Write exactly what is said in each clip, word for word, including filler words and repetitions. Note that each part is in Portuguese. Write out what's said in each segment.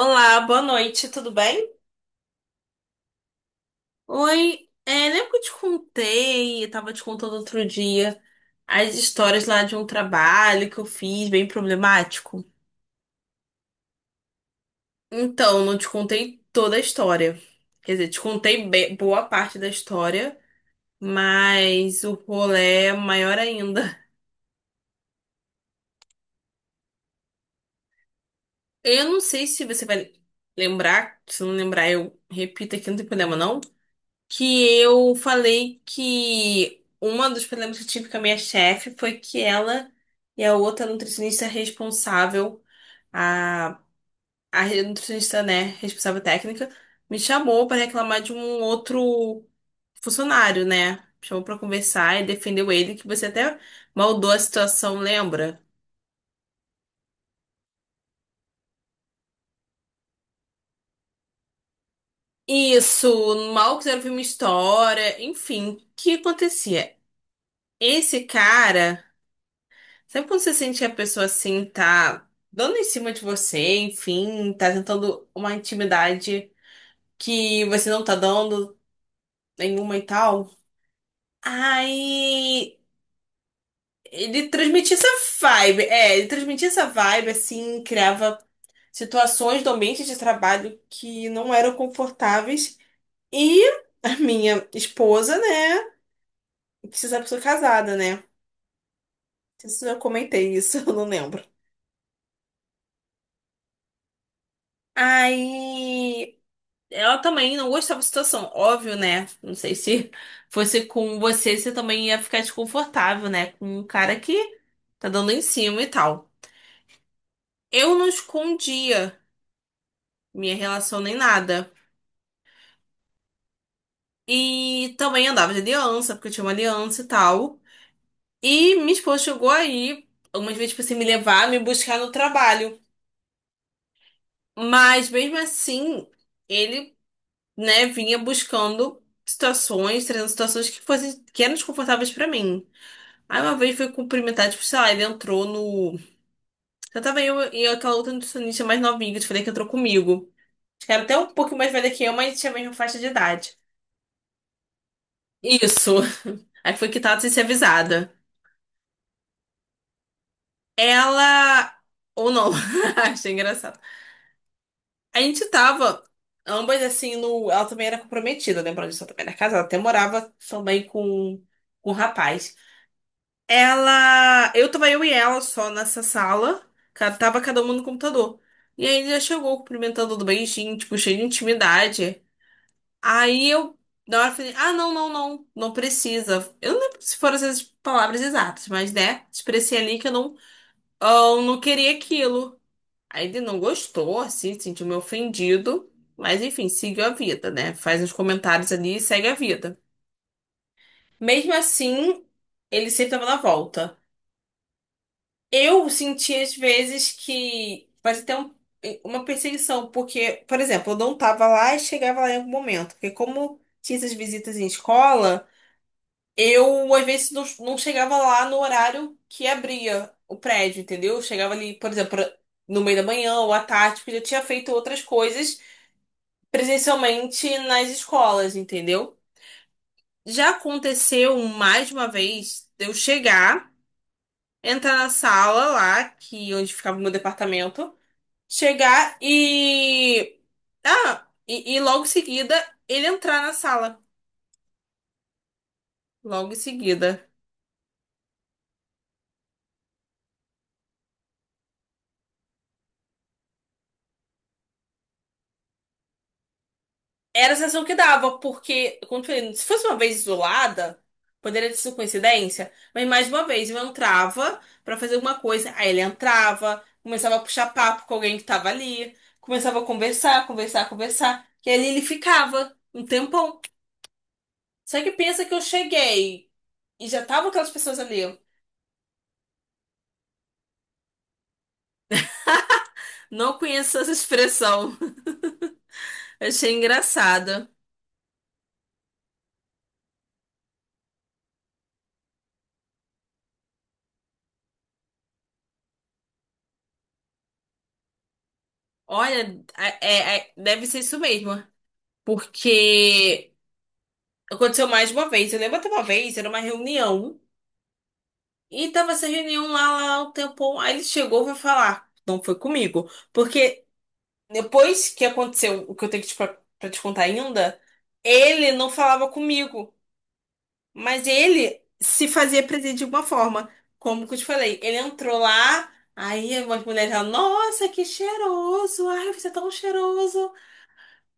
Olá, boa noite, tudo bem? Oi, é, lembra que eu te contei, eu tava te contando outro dia, as histórias lá de um trabalho que eu fiz bem problemático? Então, não te contei toda a história. Quer dizer, te contei be- boa parte da história, mas o rolê é maior ainda. Eu não sei se você vai lembrar, se não lembrar, eu repito aqui, não tem problema, não. Que eu falei que uma dos problemas que eu tive com a minha chefe foi que ela e a outra nutricionista responsável, a, a nutricionista, né, responsável técnica, me chamou para reclamar de um outro funcionário, né? Chamou para conversar e defendeu ele, que você até maldou a situação, lembra? Isso, mal quiseram ouvir minha história, enfim, o que acontecia? Esse cara. Sempre quando você sente que a pessoa assim tá dando em cima de você, enfim, tá tentando uma intimidade que você não tá dando nenhuma e tal. Aí ele transmitia essa vibe, é, ele transmitia essa vibe assim, criava situações do ambiente de trabalho que não eram confortáveis. E a minha esposa, né, que você sabe que eu sou casada, né? Não sei se eu comentei isso, eu não lembro. Aí ela também não gostava da situação, óbvio, né? Não sei se fosse com você, você também ia ficar desconfortável, né? Com um cara que tá dando em cima e tal. Eu não escondia minha relação nem nada. E também andava de aliança, porque eu tinha uma aliança e tal. E minha esposa chegou aí algumas vezes pra assim, me levar, me buscar no trabalho. Mas mesmo assim, ele, né, vinha buscando situações, trazendo situações que fossem, que eram desconfortáveis pra mim. Aí uma vez foi cumprimentar, tipo, sei lá, ele entrou no. Já tava eu e aquela outra nutricionista mais novinha que eu te falei que entrou comigo. Acho que era até um pouquinho mais velha que eu, mas tinha a mesma faixa de idade. Isso. Aí foi quitada sem ser avisada. Ela. Ou não. Achei engraçado. A gente tava, ambas assim, no. Ela também era comprometida, lembrando disso, ela também era casada. Até morava também com, com um rapaz. Ela. Eu tava eu e ela só nessa sala. ca- Tava cada uma no computador. E aí ele já chegou cumprimentando do beijinho, tipo, cheio de intimidade. Aí eu, na hora, falei: ah, não, não, não, não precisa. Eu não lembro se foram essas palavras exatas, mas né, expressei ali que eu não, "ah, eu não queria aquilo." Aí ele não gostou, assim, sentiu meio ofendido. Mas enfim, seguiu a vida, né? Faz uns comentários ali e segue a vida. Mesmo assim, ele sempre tava na volta. Eu senti às vezes que vai ter um- uma perseguição, porque, por exemplo, eu não tava lá e chegava lá em algum momento. Porque como tinha essas visitas em escola, eu às vezes não, não chegava lá no horário que abria o prédio, entendeu? Eu chegava ali, por exemplo, no meio da manhã ou à tarde, porque eu já tinha feito outras coisas presencialmente nas escolas, entendeu? Já aconteceu mais uma vez de eu chegar, entrar na sala lá, que onde ficava o meu departamento. Chegar e. Ah, e, e logo em seguida ele entrar na sala. Logo em seguida. Era a sensação que dava, porque, como eu falei, se fosse uma vez isolada, poderia ter sido coincidência, mas mais uma vez eu entrava pra fazer alguma coisa, aí ele entrava, começava a puxar papo com alguém que tava ali, começava a conversar, conversar, conversar, e ali ele ficava um tempão. Só que pensa que eu cheguei e já tava aquelas pessoas ali. Não conheço essa expressão, achei engraçada. Olha, é, é- é, deve ser isso mesmo. Porque aconteceu mais de uma vez. Eu lembro até uma vez, era uma reunião. E tava essa reunião lá, lá um tempão. Aí ele chegou e foi falar. Não foi comigo. Porque depois que aconteceu o que eu tenho que te, pra, pra te contar ainda, ele não falava comigo. Mas ele se fazia presente de uma forma. Como que eu te falei? Ele entrou lá. Aí umas mulheres falaram, nossa, que cheiroso! Ai, você é tão cheiroso!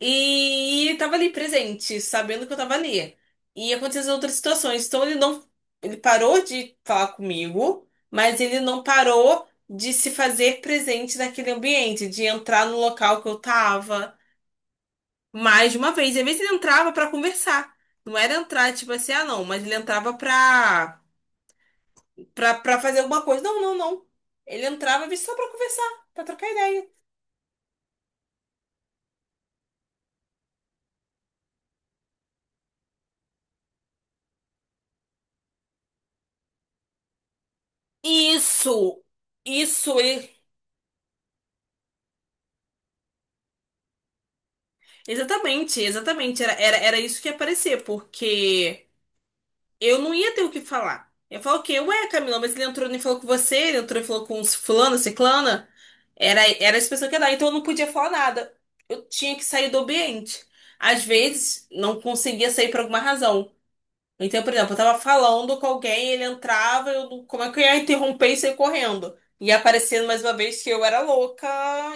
E ele tava ali presente, sabendo que eu tava ali. E aconteceu as outras situações. Então ele não. Ele parou de falar comigo, mas ele não parou de se fazer presente naquele ambiente, de entrar no local que eu tava. Mais de uma vez. E às vezes ele entrava pra conversar. Não era entrar, tipo assim, ah, não, mas ele entrava pra, pra, pra fazer alguma coisa. Não, não, não. Ele entrava às vezes, só pra conversar, pra trocar ideia. Isso! Isso, ele exatamente, exatamente. Era, era, era isso que ia aparecer, porque eu não ia ter o que falar. Eu falo o quê? Ué, Camila, mas ele entrou e falou com você, ele entrou e falou com os fulano, ciclana. Era, era essa pessoa que ia dar, então eu não podia falar nada. Eu tinha que sair do ambiente. Às vezes, não conseguia sair por alguma razão. Então, por exemplo, eu tava falando com alguém, ele entrava, eu, não- como é que eu ia interromper e sair correndo? E aparecendo mais uma vez que eu era louca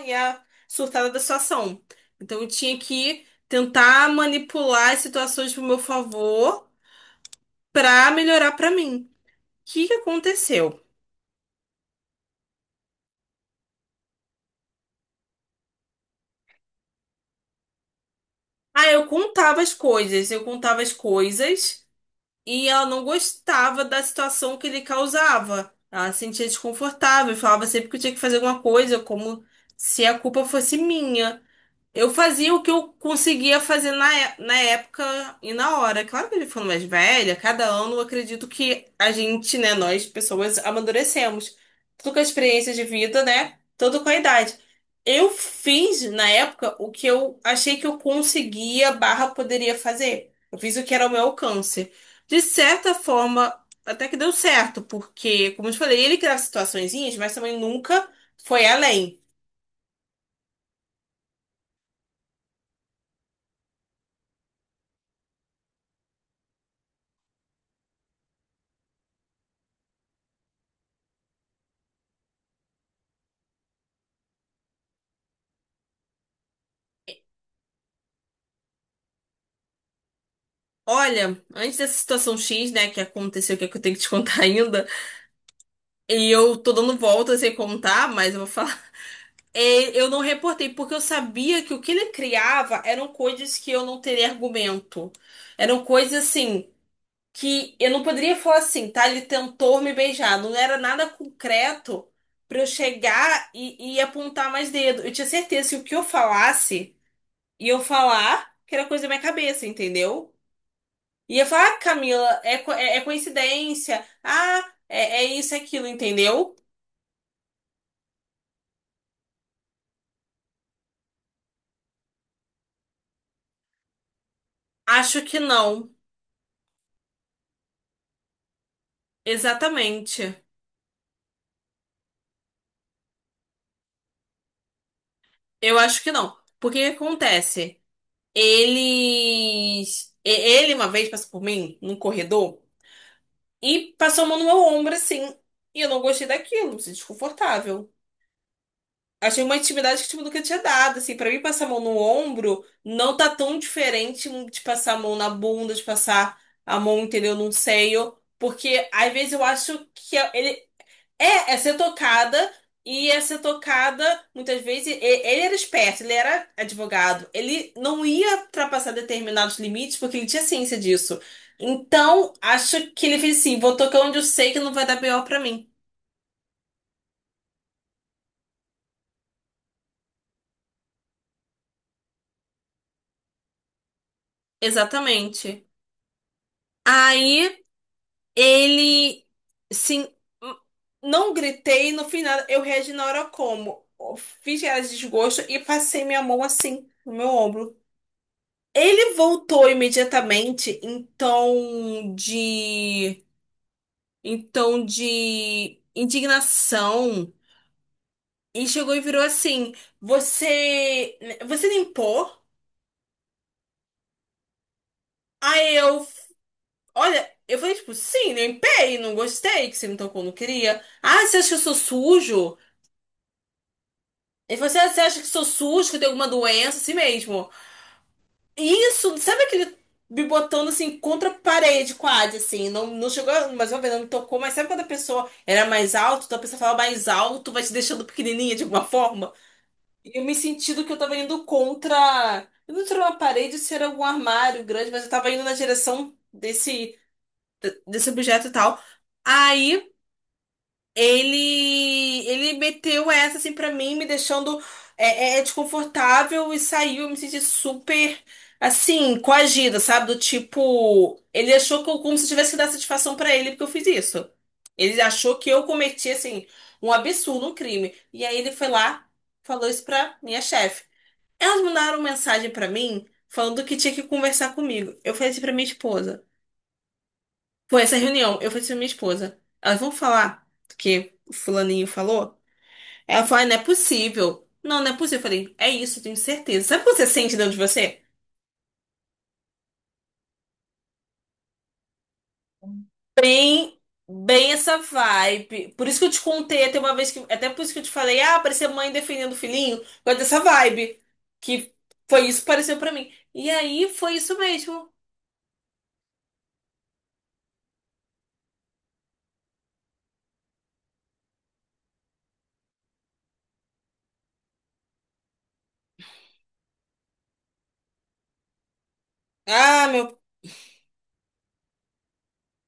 e a surtada da situação. Então, eu tinha que tentar manipular as situações pro meu favor pra melhorar pra mim. O que que aconteceu? Ah, eu contava as coisas, eu contava as coisas. E ela não gostava da situação que ele causava. Ela se sentia desconfortável e falava sempre que eu tinha que fazer alguma coisa, como se a culpa fosse minha. Eu fazia o que eu conseguia fazer na, é- na época e na hora. Claro que eu já ficando mais velha, cada ano eu acredito que a gente, né, nós pessoas, amadurecemos. Tudo com a experiência de vida, né? Tudo com a idade. Eu fiz, na época, o que eu achei que eu conseguia, barra, poderia fazer. Eu fiz o que era ao meu alcance. De certa forma, até que deu certo, porque, como eu te falei, ele criava situaçõezinhas, mas também nunca foi além. Olha, antes dessa situação X, né, que aconteceu, que é que eu tenho que te contar ainda, e eu tô dando volta sem contar, mas eu vou falar. É, eu não reportei, porque eu sabia que o que ele criava eram coisas que eu não teria argumento. Eram coisas assim, que eu não poderia falar assim, tá? Ele tentou me beijar. Não era nada concreto pra eu chegar e, e apontar mais dedo. Eu tinha certeza que o que eu falasse, ia eu falar que era coisa da minha cabeça, entendeu? E ia falar, ah, Camila, é, co- é, é coincidência. Ah, é, é isso, é aquilo, entendeu? Acho que não. Exatamente. Eu acho que não. Porque o que acontece? Eles. e- Ele uma vez passou por mim, num corredor, e passou a mão no meu ombro assim. E eu não gostei daquilo, me senti desconfortável. Achei uma intimidade que, tipo, nunca tinha dado, assim. Pra mim, passar a mão no ombro não tá tão diferente de passar a mão na bunda, de passar a mão, entendeu, num seio. Porque, às vezes, eu acho que é, ele é, é ser tocada e é ser tocada, muitas vezes, e- ele era esperto, ele era advogado. Ele não ia ultrapassar determinados limites porque ele tinha ciência disso. Então, acho que ele fez assim, vou tocar onde eu sei que não vai dar pior pra mim. Exatamente. Aí... Ele, sim, hum, não gritei, no final eu reagi na hora como? Fiz cara de desgosto e passei minha mão assim no meu ombro. Ele voltou imediatamente em tom de, em tom de indignação e chegou e virou assim: "Você, você limpou?" Aí eu, olha, eu falei tipo: "Sim, limpei, não gostei que você me tocou, não queria." "Ah, você acha que eu sou sujo?" Ele falou assim, ah, você acha que sou sujo, que eu tenho alguma doença, assim mesmo. Isso, sabe aquele me botando assim contra a parede, quase, assim. Não, não chegou, mas uma vez não me tocou, mas sabe quando a pessoa era mais alta, então a pessoa falava mais alto, vai te deixando pequenininha de alguma forma? E eu me senti do que eu tava indo contra. Eu não tirou uma parede, se era algum armário grande, mas eu tava indo na direção desse, desse objeto e tal. Aí. Ele, ele meteu essa assim pra mim, me deixando é, é, é desconfortável e saiu. Eu me senti super assim, coagida, sabe? Do tipo, ele achou que eu, como se eu tivesse que dar satisfação pra ele porque eu fiz isso. Ele achou que eu cometi assim um absurdo, um crime. E aí ele foi lá, falou isso pra minha chefe. Elas mandaram mensagem pra mim falando que tinha que conversar comigo. Eu falei assim pra minha esposa. Foi essa reunião, eu falei assim pra minha esposa. Elas vão falar do que o fulaninho falou? Ela falou, "Ai, não é possível. Não, não é possível." Eu falei, é isso, eu tenho certeza. Sabe o que você sente dentro de você? Bem, bem essa vibe. Por isso que eu te contei até uma vez que. Até por isso que eu te falei, ah, parecia mãe defendendo o filhinho. Foi dessa vibe. Que foi isso que pareceu pra mim. E aí foi isso mesmo. Ah, meu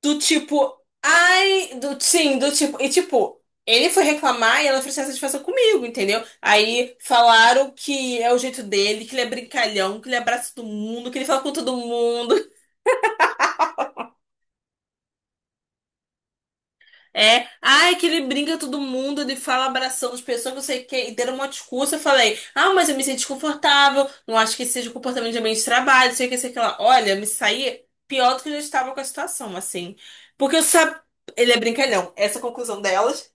do tipo, ai, do, sim, do tipo, e tipo, ele foi reclamar e ela ofereceu essa satisfação comigo, entendeu? Aí falaram que é o jeito dele, que ele é brincalhão, que ele abraça todo mundo, que ele fala com todo mundo. É, ai, que ele brinca com todo mundo, ele fala abraçando as pessoas, não sei o que, e deram uma discurso, eu falei, ah, mas eu me sinto desconfortável, não acho que esse seja o comportamento de ambiente de trabalho, não sei o que, sei o que lá. Olha, eu me saí pior do que eu já estava com a situação, assim. Porque eu sabe, ele é brincalhão, essa é a conclusão delas.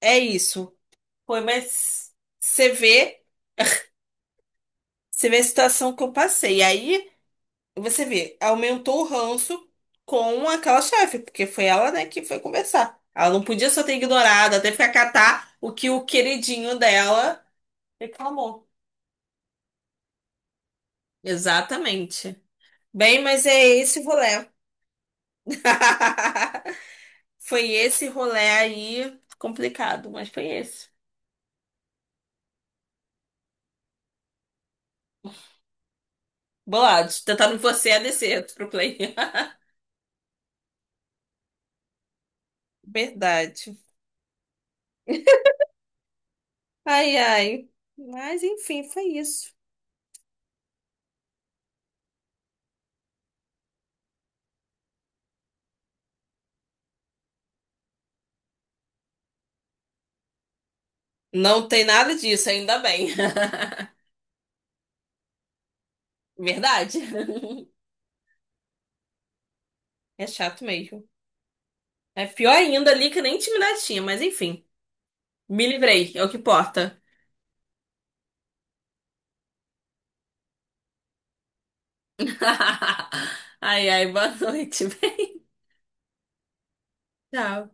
É isso. Foi, mas você vê, você vê a situação que eu passei. E aí você vê, aumentou o ranço com aquela chefe, porque foi ela, né, que foi conversar. Ela não podia só ter ignorado, até ficar catar o que o queridinho dela reclamou. Exatamente. Bem, mas é esse rolê. Foi esse rolê aí complicado, mas foi esse. Bolado, tentando você a descer pro play. Verdade. Ai, ai. Mas enfim, foi isso. Não tem nada disso, ainda bem. Verdade. É chato mesmo. É pior ainda ali que nem intimidade tinha, mas enfim. Me livrei, é o que importa. Ai, ai, boa noite. Tchau.